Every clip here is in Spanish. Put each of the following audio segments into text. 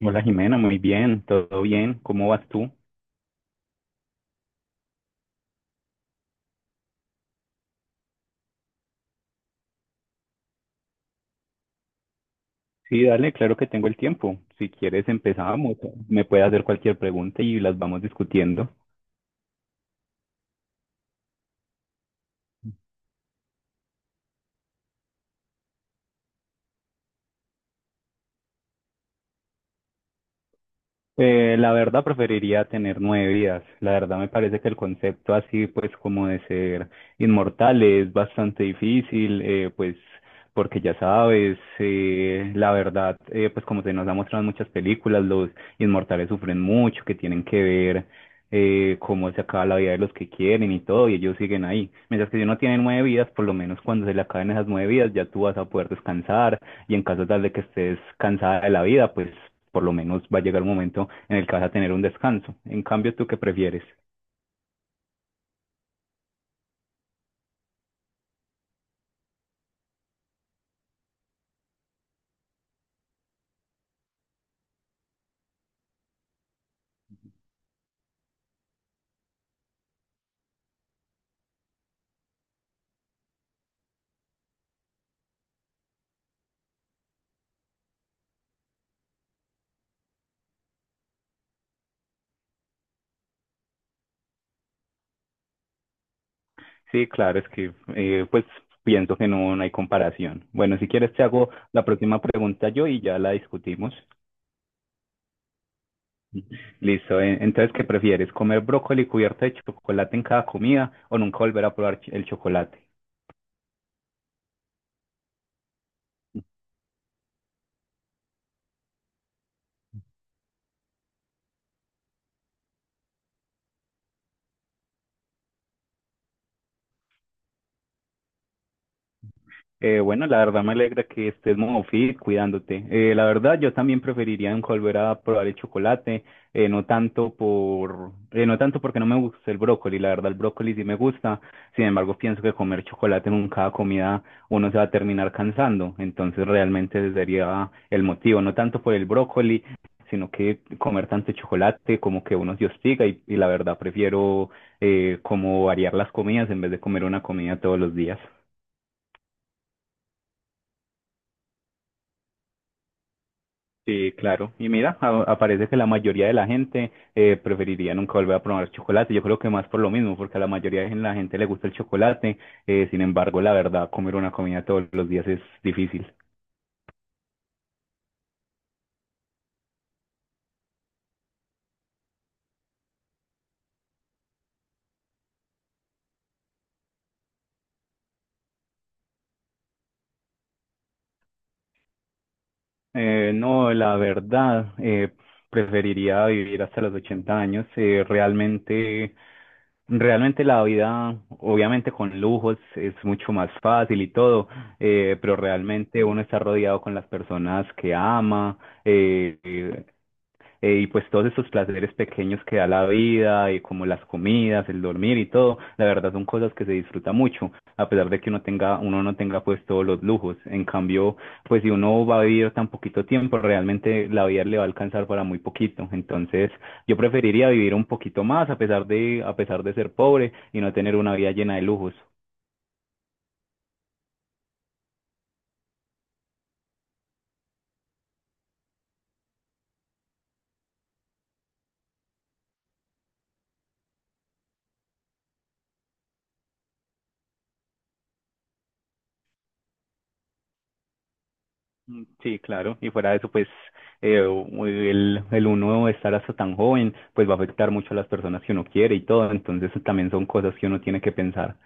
Hola Jimena, muy bien, todo bien, ¿cómo vas tú? Sí, dale, claro que tengo el tiempo. Si quieres empezamos, me puedes hacer cualquier pregunta y las vamos discutiendo. La verdad preferiría tener nueve vidas. La verdad me parece que el concepto así, pues como de ser inmortal es bastante difícil, pues porque ya sabes, la verdad, pues como se nos ha mostrado en muchas películas, los inmortales sufren mucho, que tienen que ver cómo se acaba la vida de los que quieren y todo, y ellos siguen ahí. Mientras que si uno tiene nueve vidas, por lo menos cuando se le acaben esas nueve vidas, ya tú vas a poder descansar y en caso tal de que estés cansada de la vida, pues por lo menos va a llegar un momento en el que vas a tener un descanso. En cambio, ¿tú qué prefieres? Sí, claro, es que pues pienso que no, no hay comparación. Bueno, si quieres te hago la próxima pregunta yo y ya la discutimos. Listo, entonces, ¿qué prefieres? ¿Comer brócoli cubierto de chocolate en cada comida o nunca volver a probar el chocolate? Bueno, la verdad me alegra que estés muy fit cuidándote. La verdad, yo también preferiría en volver a probar el chocolate, no tanto por, no tanto porque no me gusta el brócoli. La verdad, el brócoli sí me gusta. Sin embargo, pienso que comer chocolate en cada comida uno se va a terminar cansando. Entonces, realmente ese sería el motivo, no tanto por el brócoli, sino que comer tanto chocolate como que uno se hostiga y la verdad prefiero como variar las comidas en vez de comer una comida todos los días. Sí, claro. Y mira, aparece que la mayoría de la gente preferiría nunca volver a probar chocolate. Yo creo que más por lo mismo, porque a la mayoría de la gente le gusta el chocolate. Sin embargo, la verdad, comer una comida todos los días es difícil. No, la verdad, preferiría vivir hasta los 80 años. Realmente, realmente la vida, obviamente con lujos, es mucho más fácil y todo, pero realmente uno está rodeado con las personas que ama. Eh, eh, y pues todos estos placeres pequeños que da la vida, y como las comidas, el dormir y todo, la verdad son cosas que se disfruta mucho, a pesar de que uno tenga, uno no tenga pues todos los lujos. En cambio, pues si uno va a vivir tan poquito tiempo, realmente la vida le va a alcanzar para muy poquito. Entonces, yo preferiría vivir un poquito más a pesar de ser pobre y no tener una vida llena de lujos. Mm, sí, claro, y fuera de eso, pues el uno estar hasta tan joven, pues va a afectar mucho a las personas que uno quiere y todo, entonces también son cosas que uno tiene que pensar.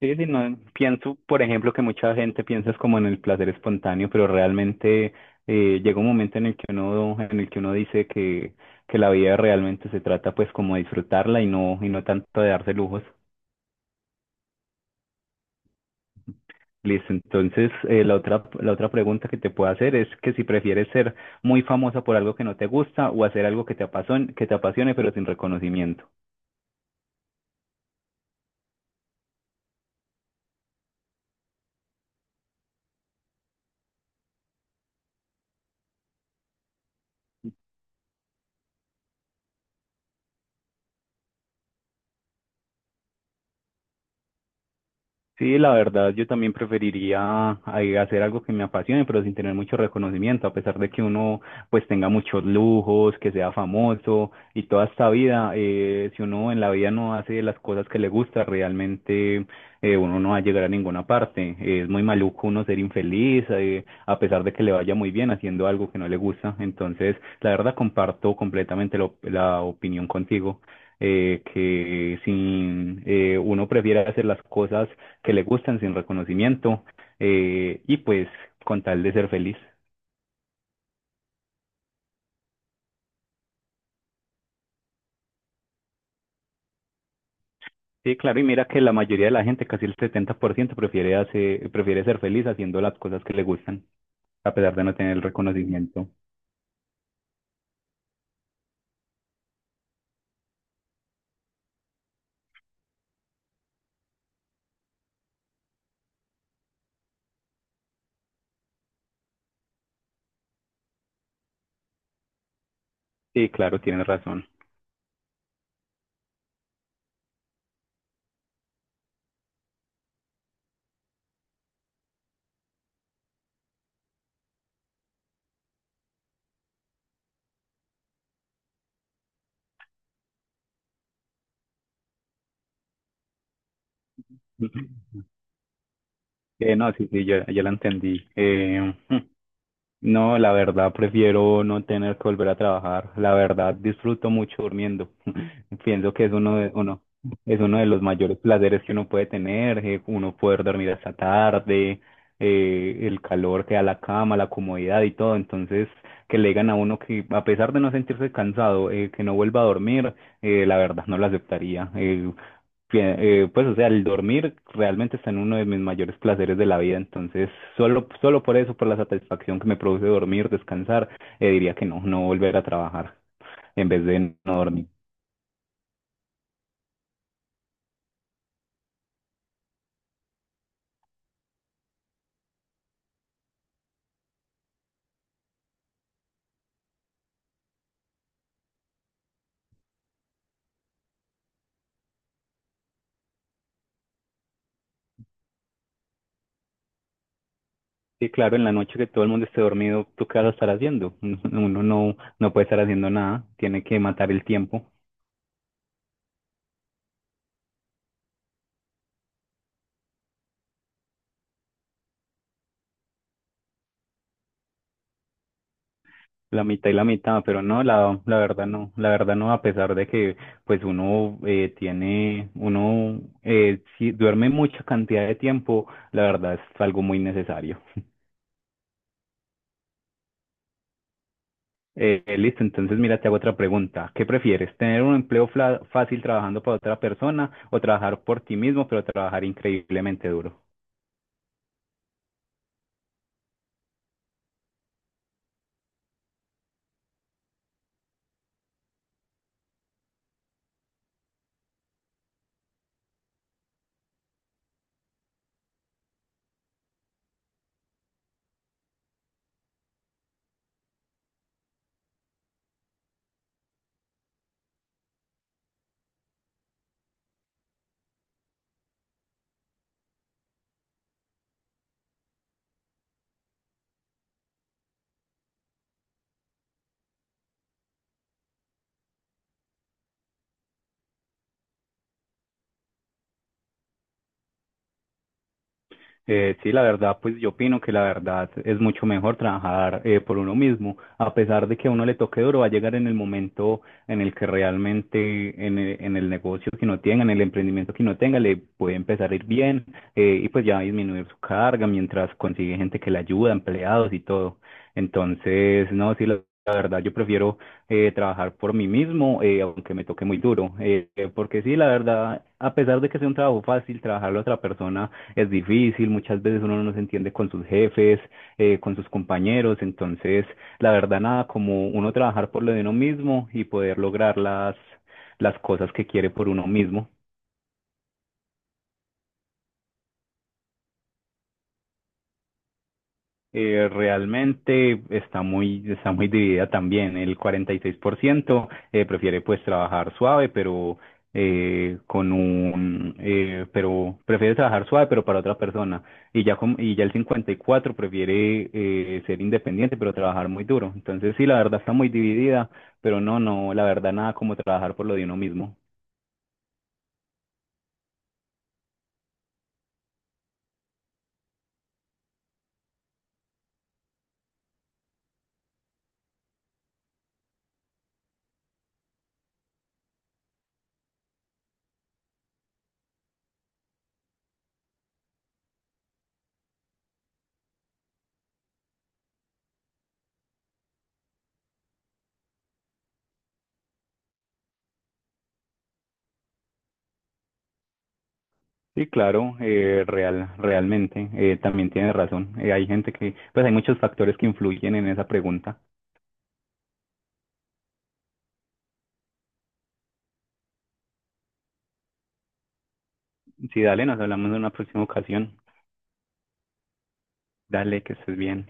Sí, sí, no, pienso, por ejemplo, que mucha gente piensa es como en el placer espontáneo, pero realmente llega un momento en el que uno, en el que uno dice que la vida realmente se trata pues como de disfrutarla y no tanto de darse lujos. Listo, entonces la otra pregunta que te puedo hacer es que si prefieres ser muy famosa por algo que no te gusta o hacer algo que te apasione pero sin reconocimiento. Sí, la verdad, yo también preferiría ay, hacer algo que me apasione, pero sin tener mucho reconocimiento, a pesar de que uno pues tenga muchos lujos, que sea famoso y toda esta vida, si uno en la vida no hace las cosas que le gusta, realmente uno no va a llegar a ninguna parte. Es muy maluco uno ser infeliz, a pesar de que le vaya muy bien haciendo algo que no le gusta. Entonces, la verdad, comparto completamente la la opinión contigo. Que si uno prefiere hacer las cosas que le gustan sin reconocimiento y pues con tal de ser feliz. Sí, claro, y mira que la mayoría de la gente, casi el 70%, prefiere, prefiere ser feliz haciendo las cosas que le gustan, a pesar de no tener el reconocimiento. Sí, claro, tienes razón. No, sí, sí, ya, ya la entendí. No, la verdad prefiero no tener que volver a trabajar. La verdad disfruto mucho durmiendo. Pienso que es uno de, uno, es uno de los mayores placeres que uno puede tener, uno poder dormir hasta tarde, el calor que da la cama, la comodidad y todo. Entonces, que le digan a uno que a pesar de no sentirse cansado, que no vuelva a dormir, la verdad no lo aceptaría. Pues, o sea, el dormir realmente está en uno de mis mayores placeres de la vida, entonces solo, solo por eso, por la satisfacción que me produce dormir, descansar, diría que no, no volver a trabajar en vez de no dormir. Sí, claro, en la noche que todo el mundo esté dormido, ¿tú qué vas a estar haciendo? Uno no, no puede estar haciendo nada, tiene que matar el tiempo. La mitad y la mitad, pero no, la, la verdad no, a pesar de que pues uno si duerme mucha cantidad de tiempo, la verdad es algo muy necesario. Listo, entonces mira, te hago otra pregunta. ¿Qué prefieres, tener un empleo fácil trabajando para otra persona o trabajar por ti mismo, pero trabajar increíblemente duro? Sí, la verdad, pues yo opino que la verdad es mucho mejor trabajar por uno mismo, a pesar de que a uno le toque duro, va a llegar en el momento en el que realmente en el negocio que uno tenga, en el emprendimiento que uno tenga, le puede empezar a ir bien y pues ya va a disminuir su carga mientras consigue gente que le ayuda, empleados y todo. Entonces, no, sí, la verdad, yo prefiero trabajar por mí mismo, aunque me toque muy duro, porque sí, la verdad, a pesar de que sea un trabajo fácil, trabajarle a otra persona es difícil, muchas veces uno no se entiende con sus jefes, con sus compañeros, entonces la verdad nada como uno trabajar por lo de uno mismo y poder lograr las cosas que quiere por uno mismo. Realmente está muy dividida también. El 46% prefiere pues trabajar suave, pero pero prefiere trabajar suave, pero para otra persona. Y ya, y ya el 54 prefiere ser independiente, pero trabajar muy duro. Entonces sí, la verdad está muy dividida, pero no, no, la verdad nada como trabajar por lo de uno mismo. Sí, claro, real, realmente, también tiene razón. Hay gente que, pues hay muchos factores que influyen en esa pregunta. Sí, dale, nos hablamos en una próxima ocasión. Dale, que estés bien.